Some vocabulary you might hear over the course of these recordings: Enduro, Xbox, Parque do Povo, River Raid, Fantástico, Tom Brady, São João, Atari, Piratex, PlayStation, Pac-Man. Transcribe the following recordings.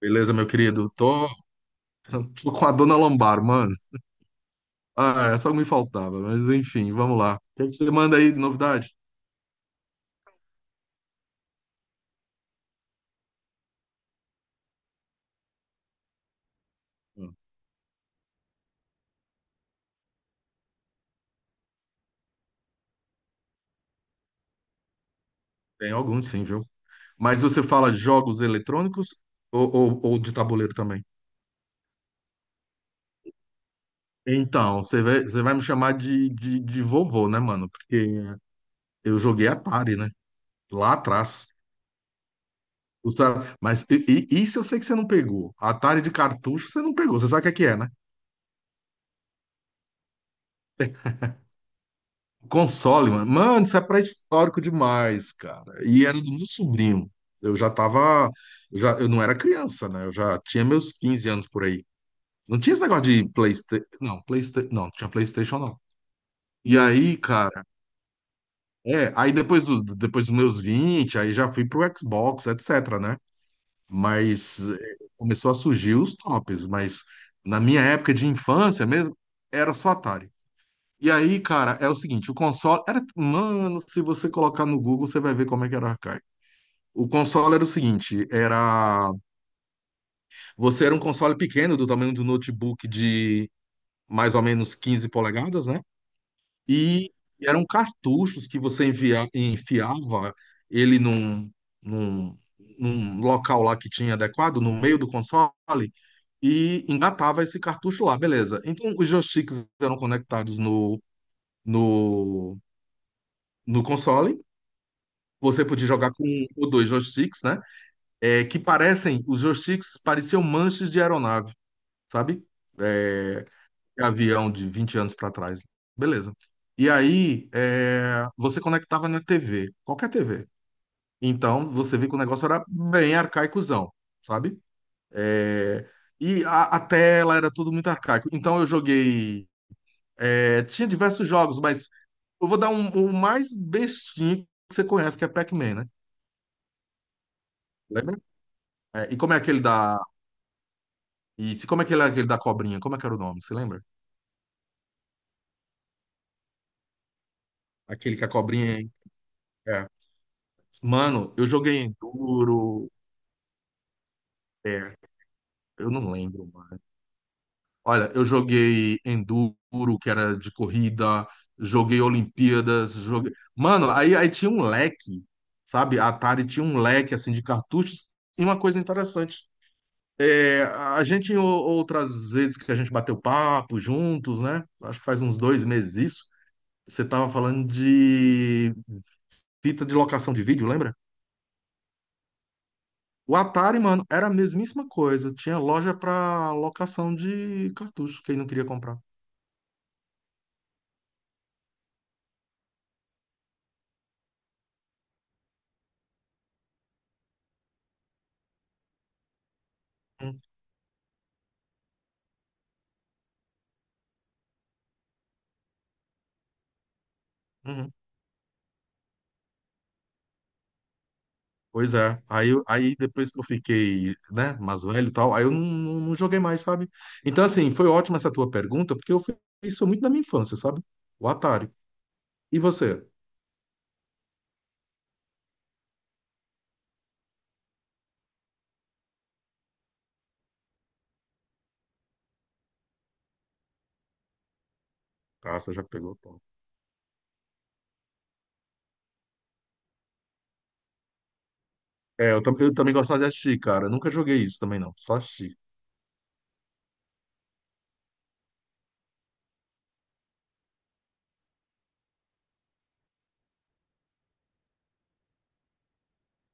Beleza, meu querido? Tô com a dona lombar, mano. Ah, é só o que me faltava, mas enfim, vamos lá. O que que você manda aí de novidade? Hum. Tem alguns, sim, viu? Mas você fala jogos eletrônicos ou de tabuleiro também? Então, você vai me chamar de vovô, né, mano? Porque eu joguei Atari, né? Lá atrás. Mas isso eu sei que você não pegou. Atari de cartucho você não pegou. Você sabe o que é, né? Console, mano. Mano, isso é pré-histórico demais, cara. E era do meu sobrinho. Eu já tava. Eu, já, eu não era criança, né? Eu já tinha meus 15 anos por aí. Não tinha esse negócio de PlayStation. Não, PlayStation. Não, não tinha PlayStation, não. E aí, cara. É, aí depois dos meus 20 aí já fui pro Xbox, etc, né? Mas é, começou a surgir os tops. Mas na minha época de infância mesmo, era só Atari. E aí, cara, é o seguinte, o console era, mano, se você colocar no Google, você vai ver como é que era arcaico. O console era o seguinte, era, você era um console pequeno do tamanho do notebook de mais ou menos 15 polegadas, né? E eram cartuchos que você enfiava ele num, num local lá que tinha adequado, no meio do console, e engatava esse cartucho lá, beleza. Então, os joysticks eram conectados no, no console. Você podia jogar com um ou dois joysticks, né? É, os joysticks pareciam manches de aeronave, sabe? É, de avião de 20 anos para trás. Beleza. E aí, é, você conectava na TV, qualquer TV. Então, você viu que o negócio era bem arcaicozão, sabe? É, e a tela era tudo muito arcaico. Então, eu joguei. É, tinha diversos jogos, mas eu vou dar um, o mais bestinho que você conhece, que é Pac-Man, né? Lembra? É, e como é aquele da E se- como é que ele é aquele da cobrinha? Como é que era o nome? Você lembra? Aquele que a cobrinha. É. Mano, eu joguei Enduro. É, eu não lembro, mano. Olha, eu joguei Enduro, que era de corrida, joguei Olimpíadas, joguei. Mano, aí tinha um leque, sabe? A Atari tinha um leque assim de cartuchos. E uma coisa interessante. É, outras vezes que a gente bateu papo juntos, né? Acho que faz uns 2 meses isso. Você tava falando de fita de locação de vídeo, lembra? O Atari, mano, era a mesmíssima coisa. Tinha loja pra locação de cartucho, quem não queria comprar. Hum. Uhum. Pois é. Aí depois que eu fiquei, né, mais velho e tal, aí eu não joguei mais, sabe? Então, assim, foi ótima essa tua pergunta, porque eu fiz isso muito na minha infância, sabe? O Atari. E você? Ah, você já pegou, pô. É, eu também gostava de assistir, cara. Nunca joguei isso também, não. Só assisti.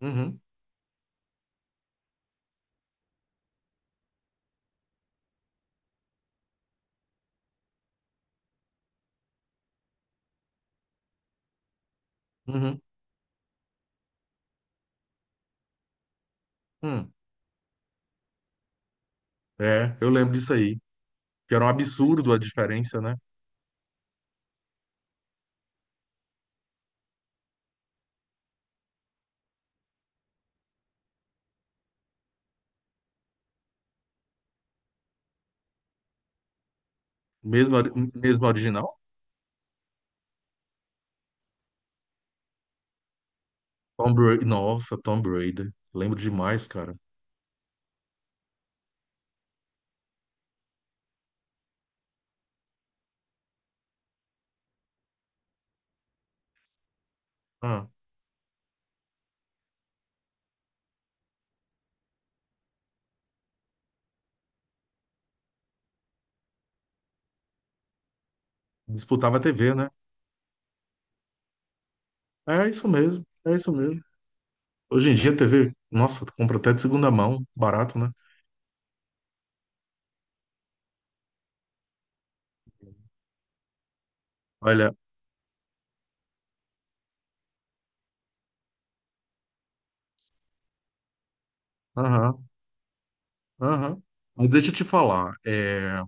Uhum, uhum, hum. É, eu lembro disso aí. Que era um absurdo a diferença, né? Mesmo original? Tom Brady. Nossa, Tom Brady. Lembro demais, cara. Ah, disputava a TV, né? É isso mesmo, é isso mesmo. Hoje em dia a TV, nossa, tu compra até de segunda mão, barato, né? Olha. Aham, aham. Mas deixa eu te falar, é,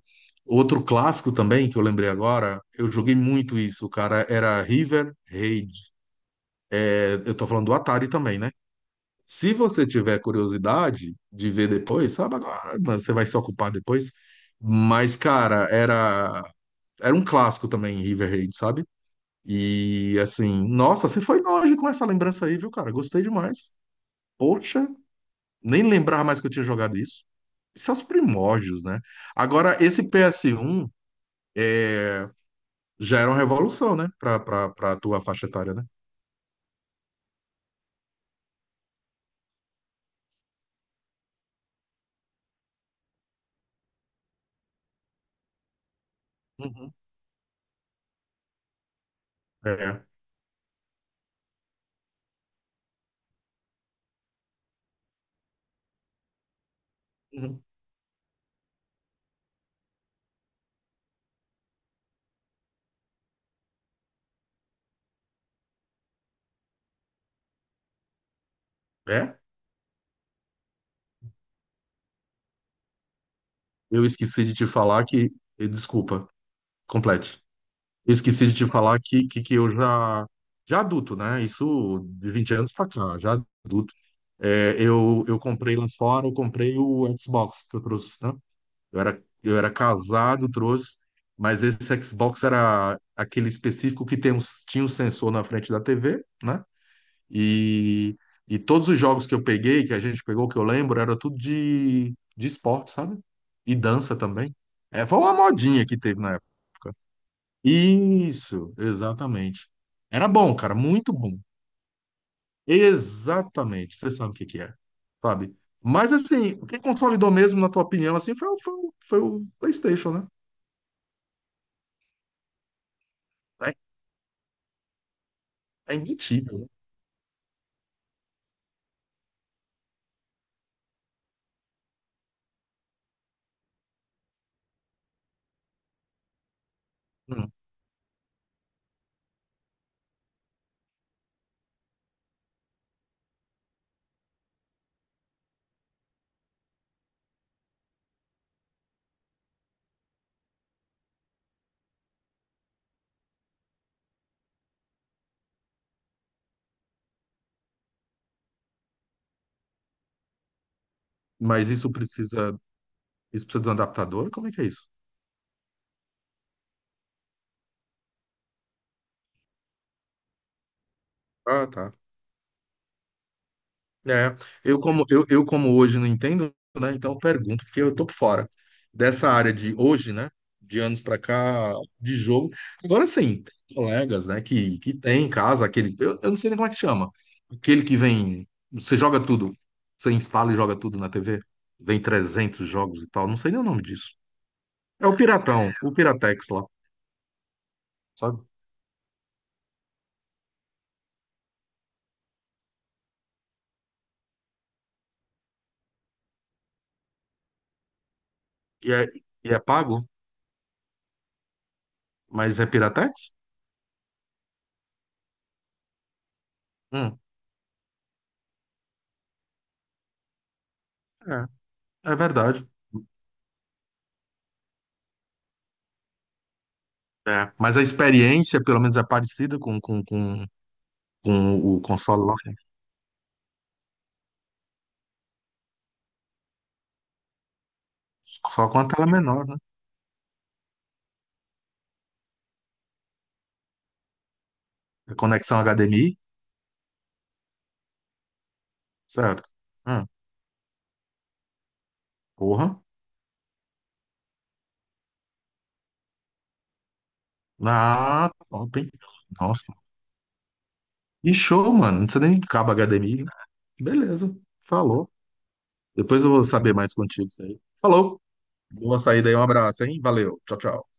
outro clássico também que eu lembrei agora, eu joguei muito isso, cara, era River Raid. É, eu tô falando do Atari também, né? Se você tiver curiosidade de ver depois, sabe agora, mas você vai se ocupar depois. Mas, cara, era um clássico também, River Raid, sabe? E assim, nossa, você foi longe com essa lembrança aí, viu, cara? Gostei demais. Poxa, nem lembrava mais que eu tinha jogado isso. Isso é os primórdios, né? Agora, esse PS1 já era uma revolução, né? Pra tua faixa etária, né? Uhum. É. Uhum. É? Eu esqueci de te falar que. Desculpa, complete. Eu esqueci de te falar que eu já adulto, né? Isso de 20 anos pra cá, já adulto. É, eu comprei lá fora, eu comprei o Xbox que eu trouxe, né? Eu era casado, trouxe, mas esse Xbox era aquele específico que tinha um sensor na frente da TV, né? E, e todos os jogos que eu peguei, que a gente pegou, que eu lembro, era tudo de esporte, sabe? E dança também. É, foi uma modinha que teve na época. Isso, exatamente. Era bom, cara, muito bom. Exatamente, você sabe o que que é, sabe? Mas assim, o que consolidou mesmo, na tua opinião, assim, foi o PlayStation, né? É, é imbatível, né? Hum. Mas isso precisa de um adaptador? Como é que é isso? Ah, tá. É, eu como hoje não entendo, né? Então eu pergunto, porque eu tô por fora dessa área de hoje, né? De anos pra cá, de jogo. Agora sim, tem colegas, né? Que tem em casa aquele, eu não sei nem como é que chama, aquele que vem, você joga tudo, você instala e joga tudo na TV, vem 300 jogos e tal, não sei nem o nome disso. É o Piratão, o Piratex lá, sabe? E é, e é pago, mas é Piratex? Hum, é, é verdade. É, mas a experiência, pelo menos, é parecida com o console lá, né? Só com a tela menor, né? A conexão HDMI, certo? Ah, porra. Ah, top, hein? Nossa. E show, mano. Não precisa nem de cabo HDMI, né? Beleza. Falou. Depois eu vou saber mais contigo isso aí. Falou. Boa saída aí. Um abraço, hein? Valeu. Tchau, tchau.